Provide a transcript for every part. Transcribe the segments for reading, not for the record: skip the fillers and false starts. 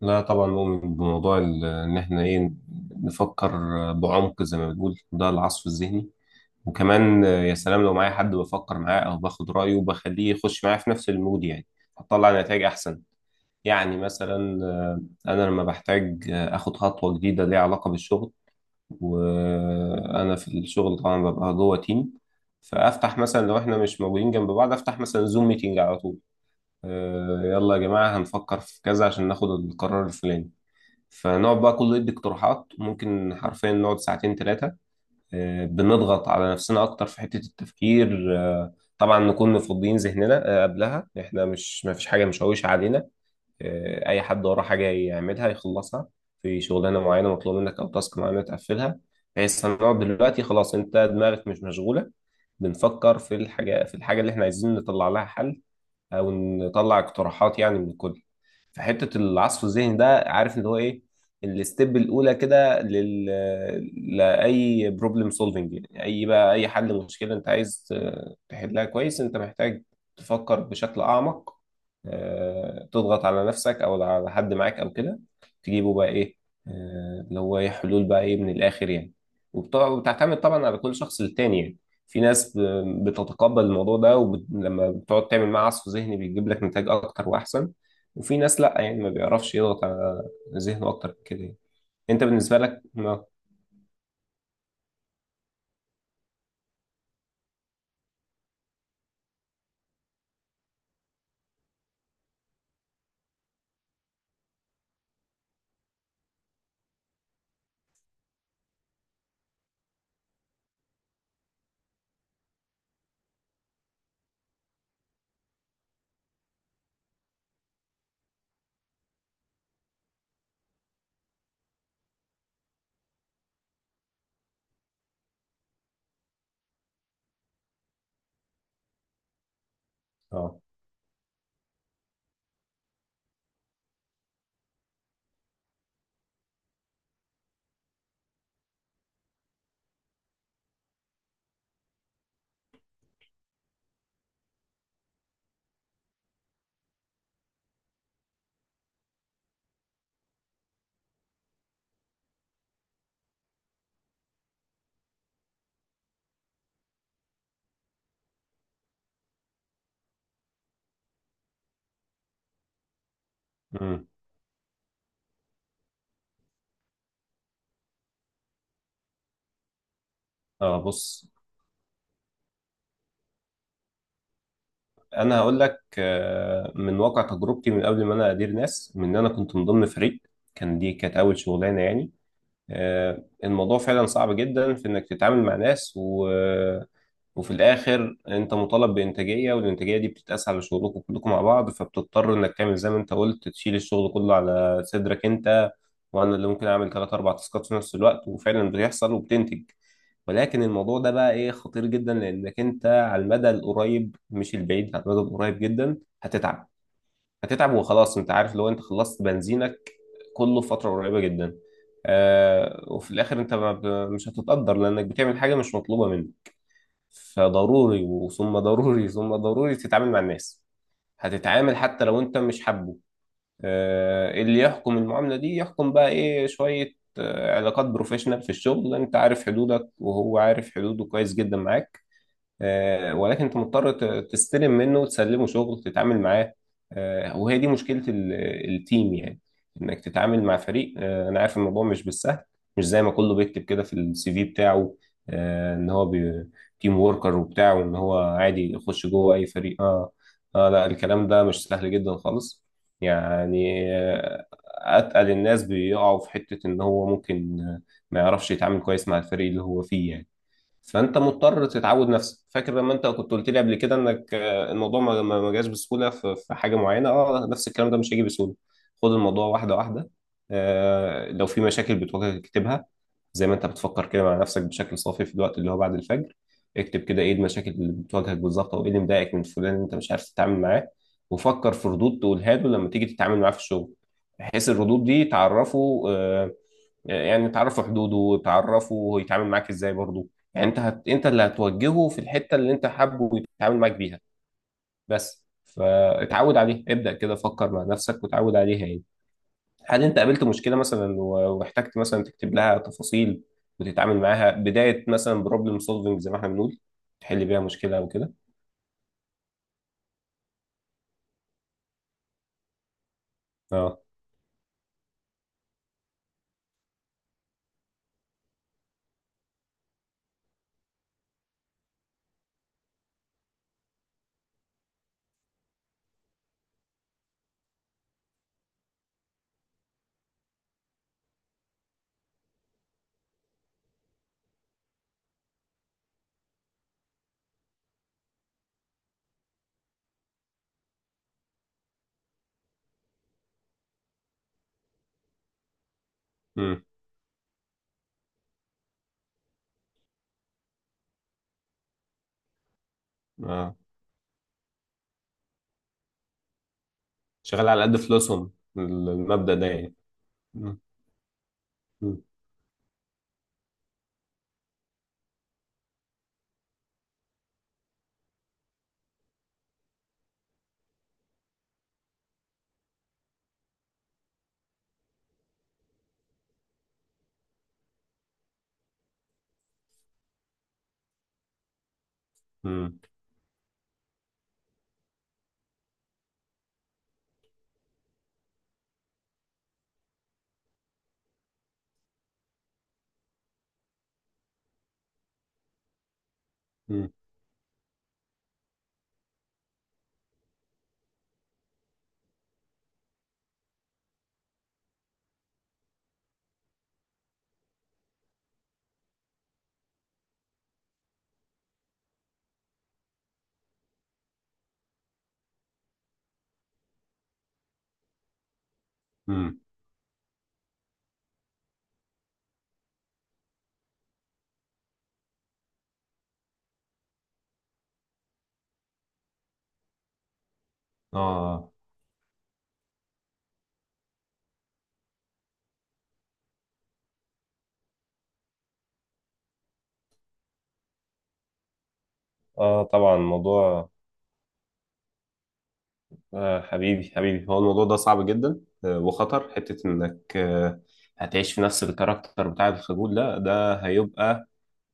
لا، طبعا نؤمن بموضوع ان احنا ايه نفكر بعمق زي ما بنقول، ده العصف الذهني. وكمان يا سلام لو معايا حد بفكر معاه او باخد رايه وبخليه يخش معايا في نفس المود، يعني هتطلع نتائج احسن. يعني مثلا انا لما بحتاج اخد خطوه جديده ليها علاقه بالشغل، وانا في الشغل طبعا ببقى جوه تيم. فافتح مثلا لو احنا مش موجودين جنب بعض، افتح مثلا زوم ميتنج على طول. يلا يا جماعه، هنفكر في كذا عشان ناخد القرار الفلاني. فنقعد بقى كله يدي اقتراحات، ممكن حرفيا نقعد ساعتين ثلاثة. بنضغط على نفسنا أكتر في حتة التفكير. طبعا نكون مفضيين ذهننا قبلها، إحنا مش ما فيش حاجة مشوشة علينا. أي حد وراه حاجة يعملها يخلصها، في شغلانة معينة مطلوب منك أو تاسك معينة تقفلها، بحيث هنقعد دلوقتي خلاص أنت دماغك مش مشغولة، بنفكر في الحاجة اللي إحنا عايزين نطلع لها حل، أو نطلع اقتراحات يعني من الكل. في حته العصف الذهني ده، عارف اللي هو ايه الستيب الاولى كده؟ لاي بروبلم سولفنج. يعني اي بقى، اي حل مشكله انت عايز تحلها كويس، انت محتاج تفكر بشكل اعمق. تضغط على نفسك او على حد معاك او كده، تجيبه بقى ايه، اللي هو ايه حلول بقى، ايه من الاخر يعني. وبتعتمد طبعا على كل شخص للتاني يعني. في ناس بتتقبل الموضوع ده، ولما بتقعد تعمل معاه عصف ذهني بيجيب لك نتائج اكتر واحسن. وفي ناس لا، يعني ما بيعرفش يضغط على ذهنه اكتر من كده يعني. انت بالنسبه لك؟ اه. اه. مم. اه، بص. انا هقول لك من واقع تجربتي من قبل ما انا ادير ناس، من ان انا كنت من ضمن فريق، كان دي كانت اول شغلانه يعني. الموضوع فعلا صعب جدا في انك تتعامل مع ناس، وفي الاخر انت مطالب بانتاجيه، والانتاجيه دي بتتقاس على شغلكم كلكم مع بعض. فبتضطر انك تعمل زي ما انت قلت، تشيل الشغل كله على صدرك انت، وانا اللي ممكن اعمل ثلاث اربع تاسكات في نفس الوقت وفعلا بيحصل وبتنتج. ولكن الموضوع ده بقى ايه، خطير جدا، لانك انت على المدى القريب مش البعيد، على المدى القريب جدا هتتعب. هتتعب وخلاص، انت عارف لو انت خلصت بنزينك كله في فتره قريبه جدا، آه وفي الاخر انت ما ب- مش هتتقدر لانك بتعمل حاجه مش مطلوبه منك. فضروري، وثم ضروري ثم ضروري، تتعامل مع الناس. هتتعامل حتى لو انت مش حابه. اللي يحكم المعاملة دي يحكم بقى ايه، شوية علاقات بروفيشنال في الشغل، انت عارف حدودك وهو عارف حدوده كويس جدا معاك. ولكن انت مضطر تستلم منه وتسلمه شغل، تتعامل معاه. وهي دي مشكلة التيم يعني، انك تتعامل مع فريق. انا عارف الموضوع مش بالسهل، مش زي ما كله بيكتب كده في السي في بتاعه، ان هو تيم وركر وبتاع، وان هو عادي يخش جوه اي فريق. اه. اه، لا، الكلام ده مش سهل جدا خالص، يعني اتقل الناس بيقعوا في حتة ان هو ممكن ما يعرفش يتعامل كويس مع الفريق اللي هو فيه يعني. فانت مضطر تتعود نفسك. فاكر لما انت كنت قلت لي قبل كده انك الموضوع ما جاش بسهوله في حاجه معينه؟ اه، نفس الكلام ده مش هيجي بسهوله. خد الموضوع واحده واحده. لو في مشاكل بتواجهك اكتبها، زي ما انت بتفكر كده مع نفسك بشكل صافي في الوقت اللي هو بعد الفجر. اكتب كده ايه المشاكل اللي بتواجهك بالظبط، او ايه اللي مضايقك من فلان اللي انت مش عارف تتعامل معاه. وفكر في ردود تقولها له لما تيجي تتعامل معاه في الشغل، بحيث الردود دي تعرفه، يعني تعرفوا حدوده وتعرفوا هو يتعامل معاك ازاي برضه. يعني انت انت اللي هتوجهه في الحته اللي انت حابه يتعامل معاك بيها. بس فاتعود عليها، ابدا كده فكر مع نفسك وتعود عليها يعني. هل انت قابلت مشكله مثلا واحتجت مثلا تكتب لها تفاصيل وتتعامل معاها بدايه، مثلا بروبلم سولفنج زي ما احنا بنقول، تحل بيها مشكله او كده؟ اه. امم. اه. شغال على قد فلوسهم، المبدا ده يعني. امم. امم. امم. امم. اه. اه، طبعا الموضوع حبيبي حبيبي، هو الموضوع ده صعب جدا. وخطر حتة انك هتعيش في نفس الكاركتر بتاع الخجول ده هيبقى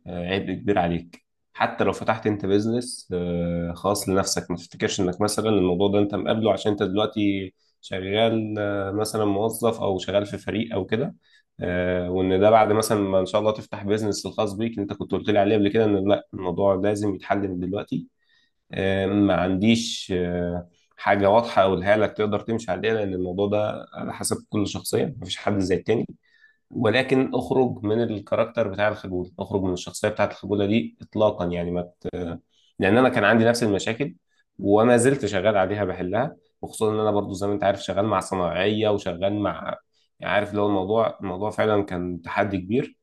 عبء كبير عليك. حتى لو فتحت انت بيزنس خاص لنفسك، ما تفتكرش انك مثلا الموضوع ده انت مقابله عشان انت دلوقتي شغال، مثلا موظف او شغال في فريق او كده. وان ده بعد مثلا ما ان شاء الله تفتح بيزنس الخاص بيك، انت كنت قلت لي عليه قبل كده، ان لا، الموضوع لازم يتحل من دلوقتي. ما عنديش حاجة واضحة أقولها لك تقدر تمشي عليها، لأن الموضوع ده على حسب كل شخصية، مفيش حد زي التاني. ولكن اخرج من الكاركتر بتاع الخجولة، اخرج من الشخصية بتاعة الخجولة دي إطلاقا يعني ما. لأن أنا كان عندي نفس المشاكل، وما زلت شغال عليها بحلها. وخصوصا إن أنا برضو زي ما أنت عارف شغال مع صناعية وشغال مع، يعني عارف، لو الموضوع فعلا كان تحدي كبير.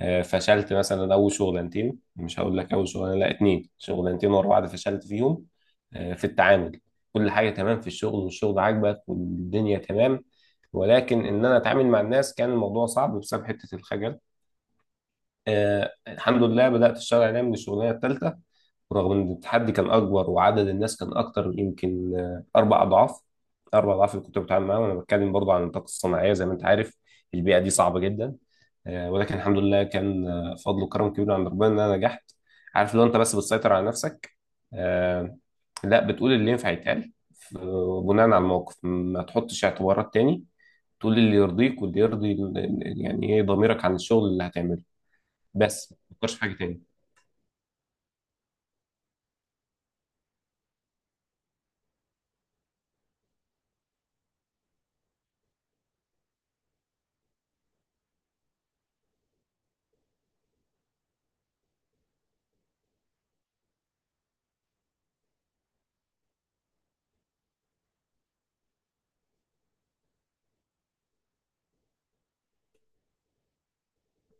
فشلت مثلا اول شغلانتين، مش هقول لك اول شغلانه، لا اتنين شغلانتين ورا بعض فشلت فيهم، في التعامل. كل حاجه تمام في الشغل، والشغل عاجبك والدنيا تمام، ولكن ان انا اتعامل مع الناس كان الموضوع صعب بسبب حته الخجل. الحمد لله بدأت أشتغل عليها من الشغلانة الثالثة، ورغم إن التحدي كان أكبر وعدد الناس كان أكتر يمكن أربع أضعاف. أربع أضعاف اللي كنت بتعامل معاهم، أنا بتكلم برضه عن الطاقة الصناعية زي ما أنت عارف. البيئة دي صعبة جدا. ولكن الحمد لله كان فضل وكرم كبير عند ربنا إن أنا نجحت. عارف، لو أنت بس بتسيطر على نفسك، آه لا، بتقول اللي ينفع يتقال، بناء على الموقف. ما تحطش اعتبارات تاني، تقول اللي يرضيك واللي يرضي يعني إيه ضميرك عن الشغل اللي هتعمله. بس ما تفكرش في حاجة تاني.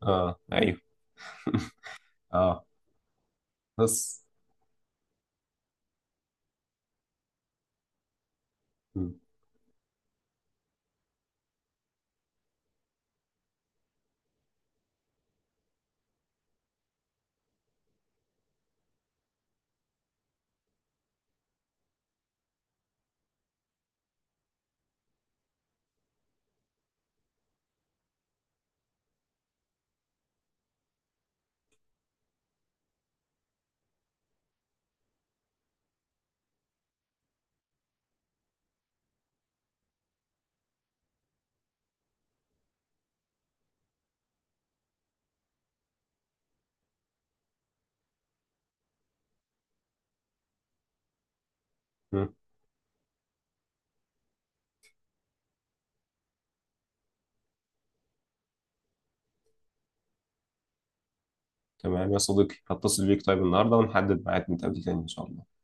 اه، ايوه. اه. بس. م- م. تمام يا صديقي، هتصل بيك طيب النهارده ونحدد ميعاد نتقابل تاني ان شاء الله.